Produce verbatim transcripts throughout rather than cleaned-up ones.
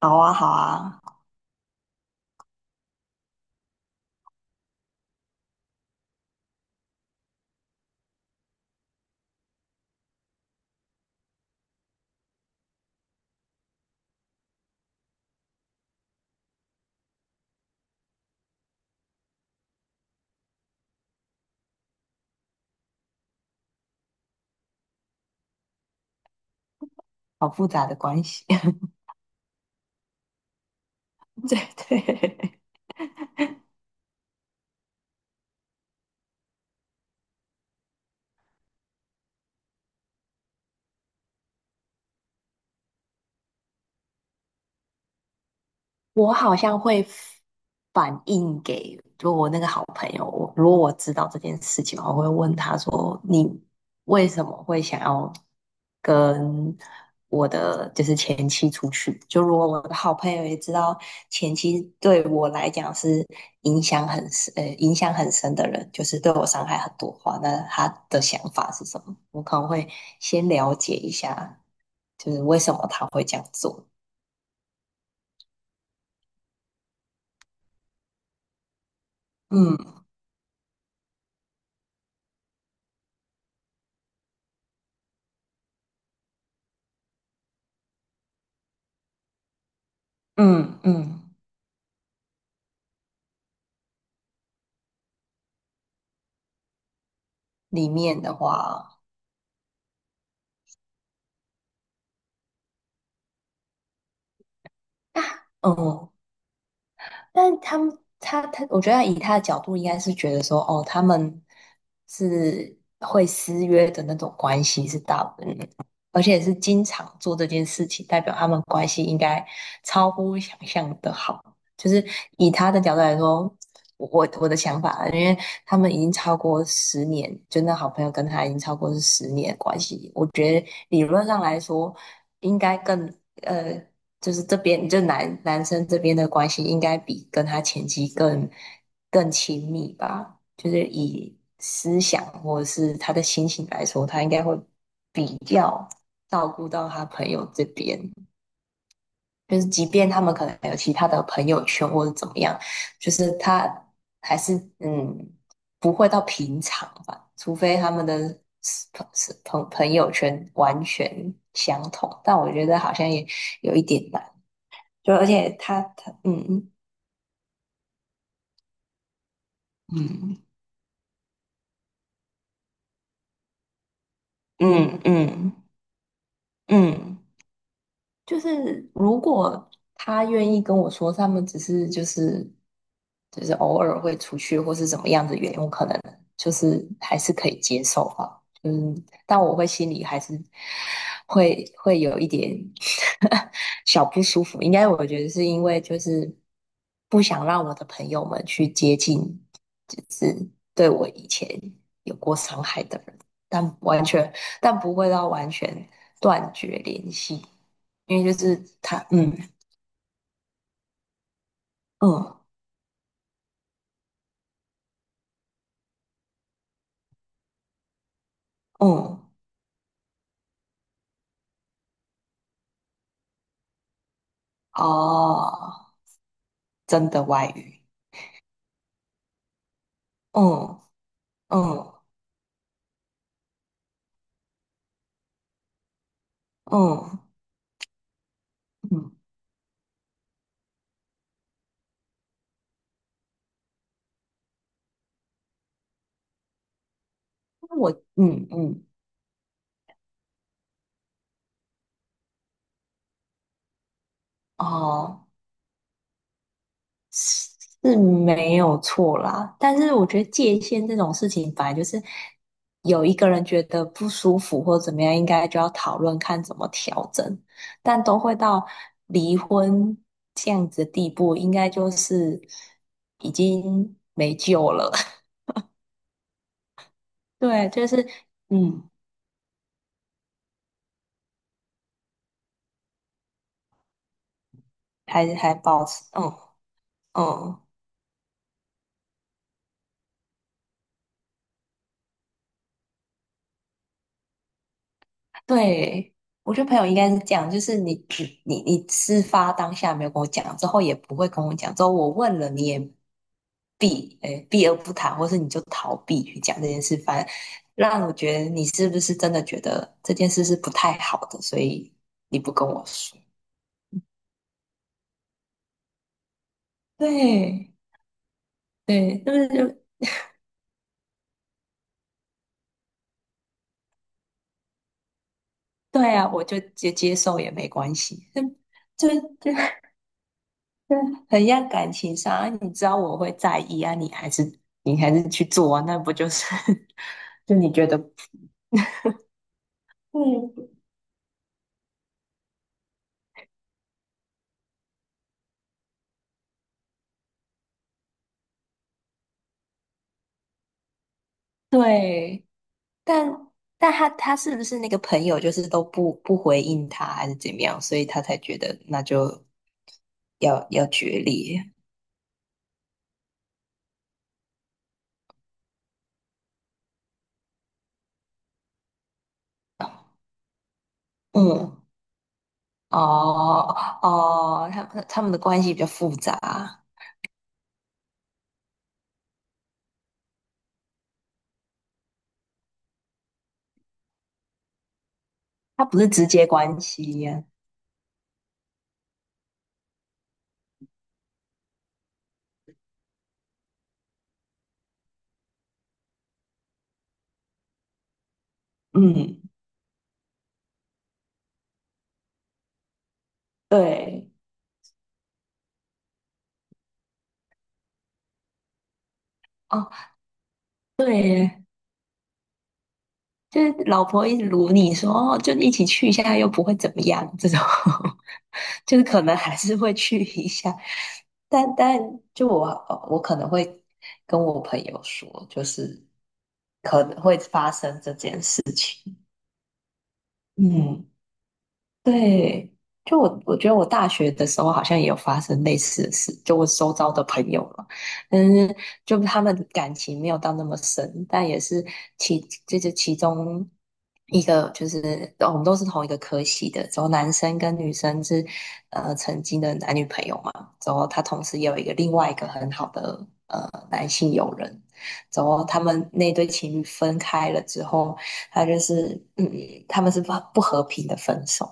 好啊，好啊，好复杂的关系。对对，我好像会反映给，就我那个好朋友，我如果我知道这件事情，我会问他说："你为什么会想要跟我的就是前妻出去？"就如果我的好朋友也知道前妻对我来讲是影响很深，呃，影响很深的人，就是对我伤害很多的话，那他的想法是什么？我可能会先了解一下，就是为什么他会这样做。嗯嗯嗯。里面的话，嗯，但他们他他，我觉得以他的角度，应该是觉得说，哦，他们是会私约的那种关系是大部分的，而且是经常做这件事情，代表他们关系应该超乎想象的好。就是以他的角度来说，我我我的想法啊因为他们已经超过十年，就那好朋友跟他已经超过是十年的关系，我觉得理论上来说，应该更。呃就是这边就男男生这边的关系应该比跟他前妻更更亲密吧？就是以思想或者是他的心情来说，他应该会比较照顾到他朋友这边。就是即便他们可能有其他的朋友圈或者怎么样，就是他还是嗯不会到平常吧，除非他们的朋朋朋友圈完全相同。但我觉得好像也有一点难。就而且他他嗯嗯嗯嗯嗯，嗯就是如果他愿意跟我说，他们只是就是就是偶尔会出去，或是怎么样的原因，我可能就是还是可以接受吧。嗯，但我会心里还是会会有一点 小不舒服。应该我觉得是因为就是不想让我的朋友们去接近，就是对我以前有过伤害的人，但完全但不会到完全断绝联系。因为就是他，嗯嗯嗯，哦，真的外语，嗯嗯嗯嗯，我嗯嗯哦是是没有错啦，但是我觉得界限这种事情，本来就是有一个人觉得不舒服或怎么样，应该就要讨论看怎么调整，但都会到离婚这样子的地步，应该就是已经没救了。对，就是，嗯，还还保持，嗯嗯，对，我觉得朋友应该是这样，就是你只你你事发当下没有跟我讲，之后也不会跟我讲，之后我问了你也避，诶，避而不谈，或是你就逃避去讲这件事，反正让我觉得你是不是真的觉得这件事是不太好的，所以你不跟我说。对对，就是就对啊，我就接接受也没关系，就就对，很像感情上啊，你知道我会在意啊，你还是你还是去做啊，那不就是 就你觉得嗯对，但但他他是不是那个朋友就是都不不回应他还是怎么样，所以他才觉得那就要要决裂，嗯哦哦，他们他们的关系比较复杂，他不是直接关系呀，嗯对。哦。对耶，就是老婆一直撸你说，哦，就一起去一下，又不会怎么样，这种 就是可能还是会去一下，但但就我我可能会跟我朋友说，就是可能会发生这件事，嗯。对，就我我觉得我大学的时候好像也有发生类似的事，就我周遭的朋友嘛，但是就他们感情没有到那么深，但也是其就是其中一个就是哦我们都是同一个科系的，然后男生跟女生是呃曾经的男女朋友嘛，然后他同时也有一个另外一个很好的呃男性友人，然后他们那对情侣分开了之后，他就是嗯他们是不不和平的分手。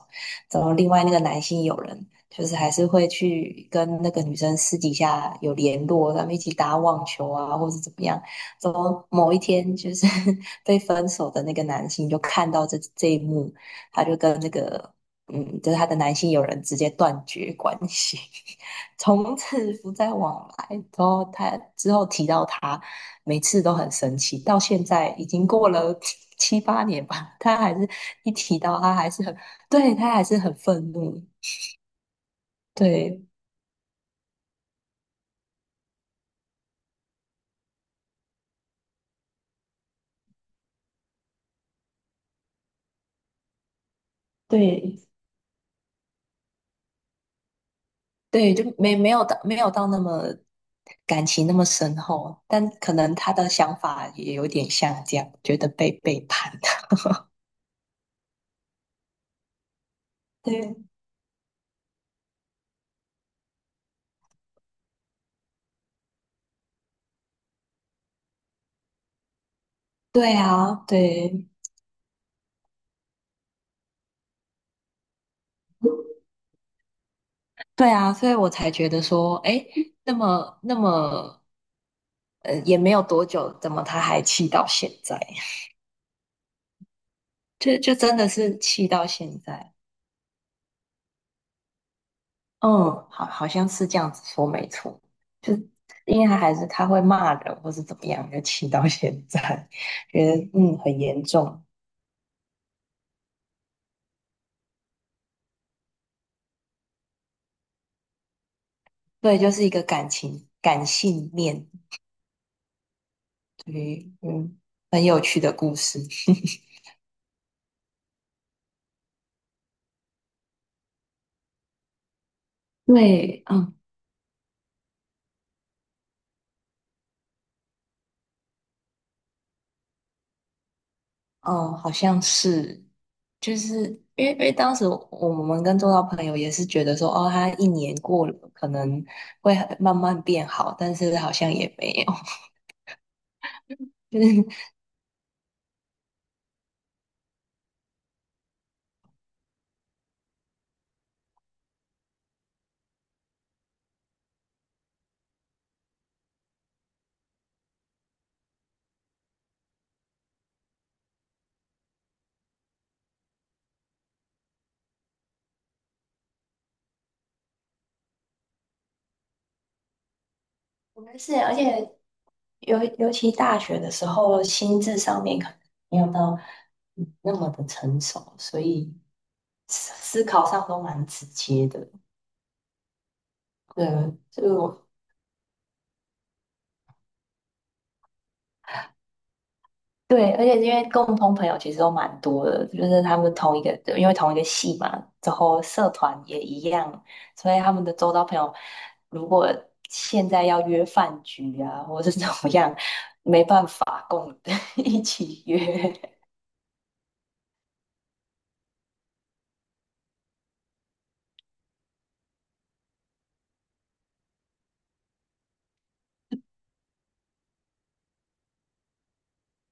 找另外那个男性友人，就是还是会去跟那个女生私底下有联络，他们一起打网球啊，或是怎么样。怎么某一天就是 被分手的那个男性就看到这这一幕，他就跟那个嗯，就是他的男性友人直接断绝关系，从此不再往来。然后他之后提到他，每次都很生气，到现在已经过了 七八年吧，他还是一提到他还是很对，他还是很愤怒，对对，对，就没没有到没有到那么感情那么深厚，但可能他的想法也有点像这样，觉得被背叛。对，对啊，对，对啊，所以我才觉得说，哎，那么那么，呃，也没有多久，怎么他还气到现在？就就真的是气到现在。嗯，好，好像是这样子说，没错。就因为他还是他会骂人，或是怎么样，就气到现在，觉得嗯很严重。对，就是一个感情感性面，对，嗯，很有趣的故事。对，嗯，哦，好像是，就是因为因为当时我们跟周遭朋友也是觉得说，哦，他一年过了，可能会很慢慢变好，但是好像也没有。就是我们是，而且尤尤其大学的时候，心智上面可能没有到那么的成熟，所以思思考上都蛮直接的。对，就我对，而且因为共同朋友其实都蛮多的，就是他们同一个，因为同一个系嘛，之后社团也一样，所以他们的周遭朋友，如果现在要约饭局啊，或是怎么样，没办法共 一起约。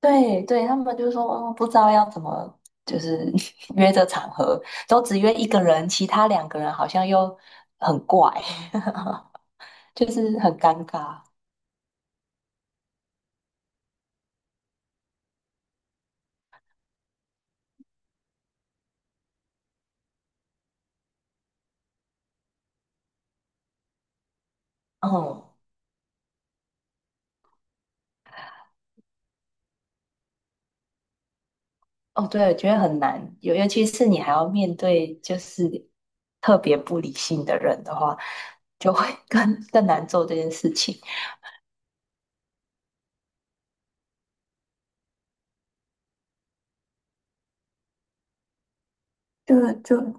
对对，他们就说，哦，不知道要怎么，就是 约这场合，都只约一个人，其他两个人好像又很怪，就是很尴尬。哦哦，对，我觉得很难，尤尤其是你还要面对就是特别不理性的人的话，就会 更更难做这件事情。就就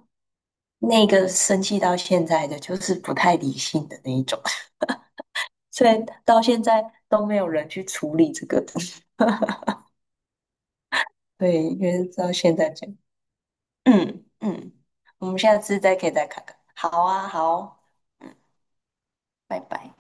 那个生气到现在的，就是不太理性的那一种，所以到现在都没有人去处理这个。对，就是到现在这样。嗯嗯，我们下次再可以再看看。好啊，好，嗯，拜拜。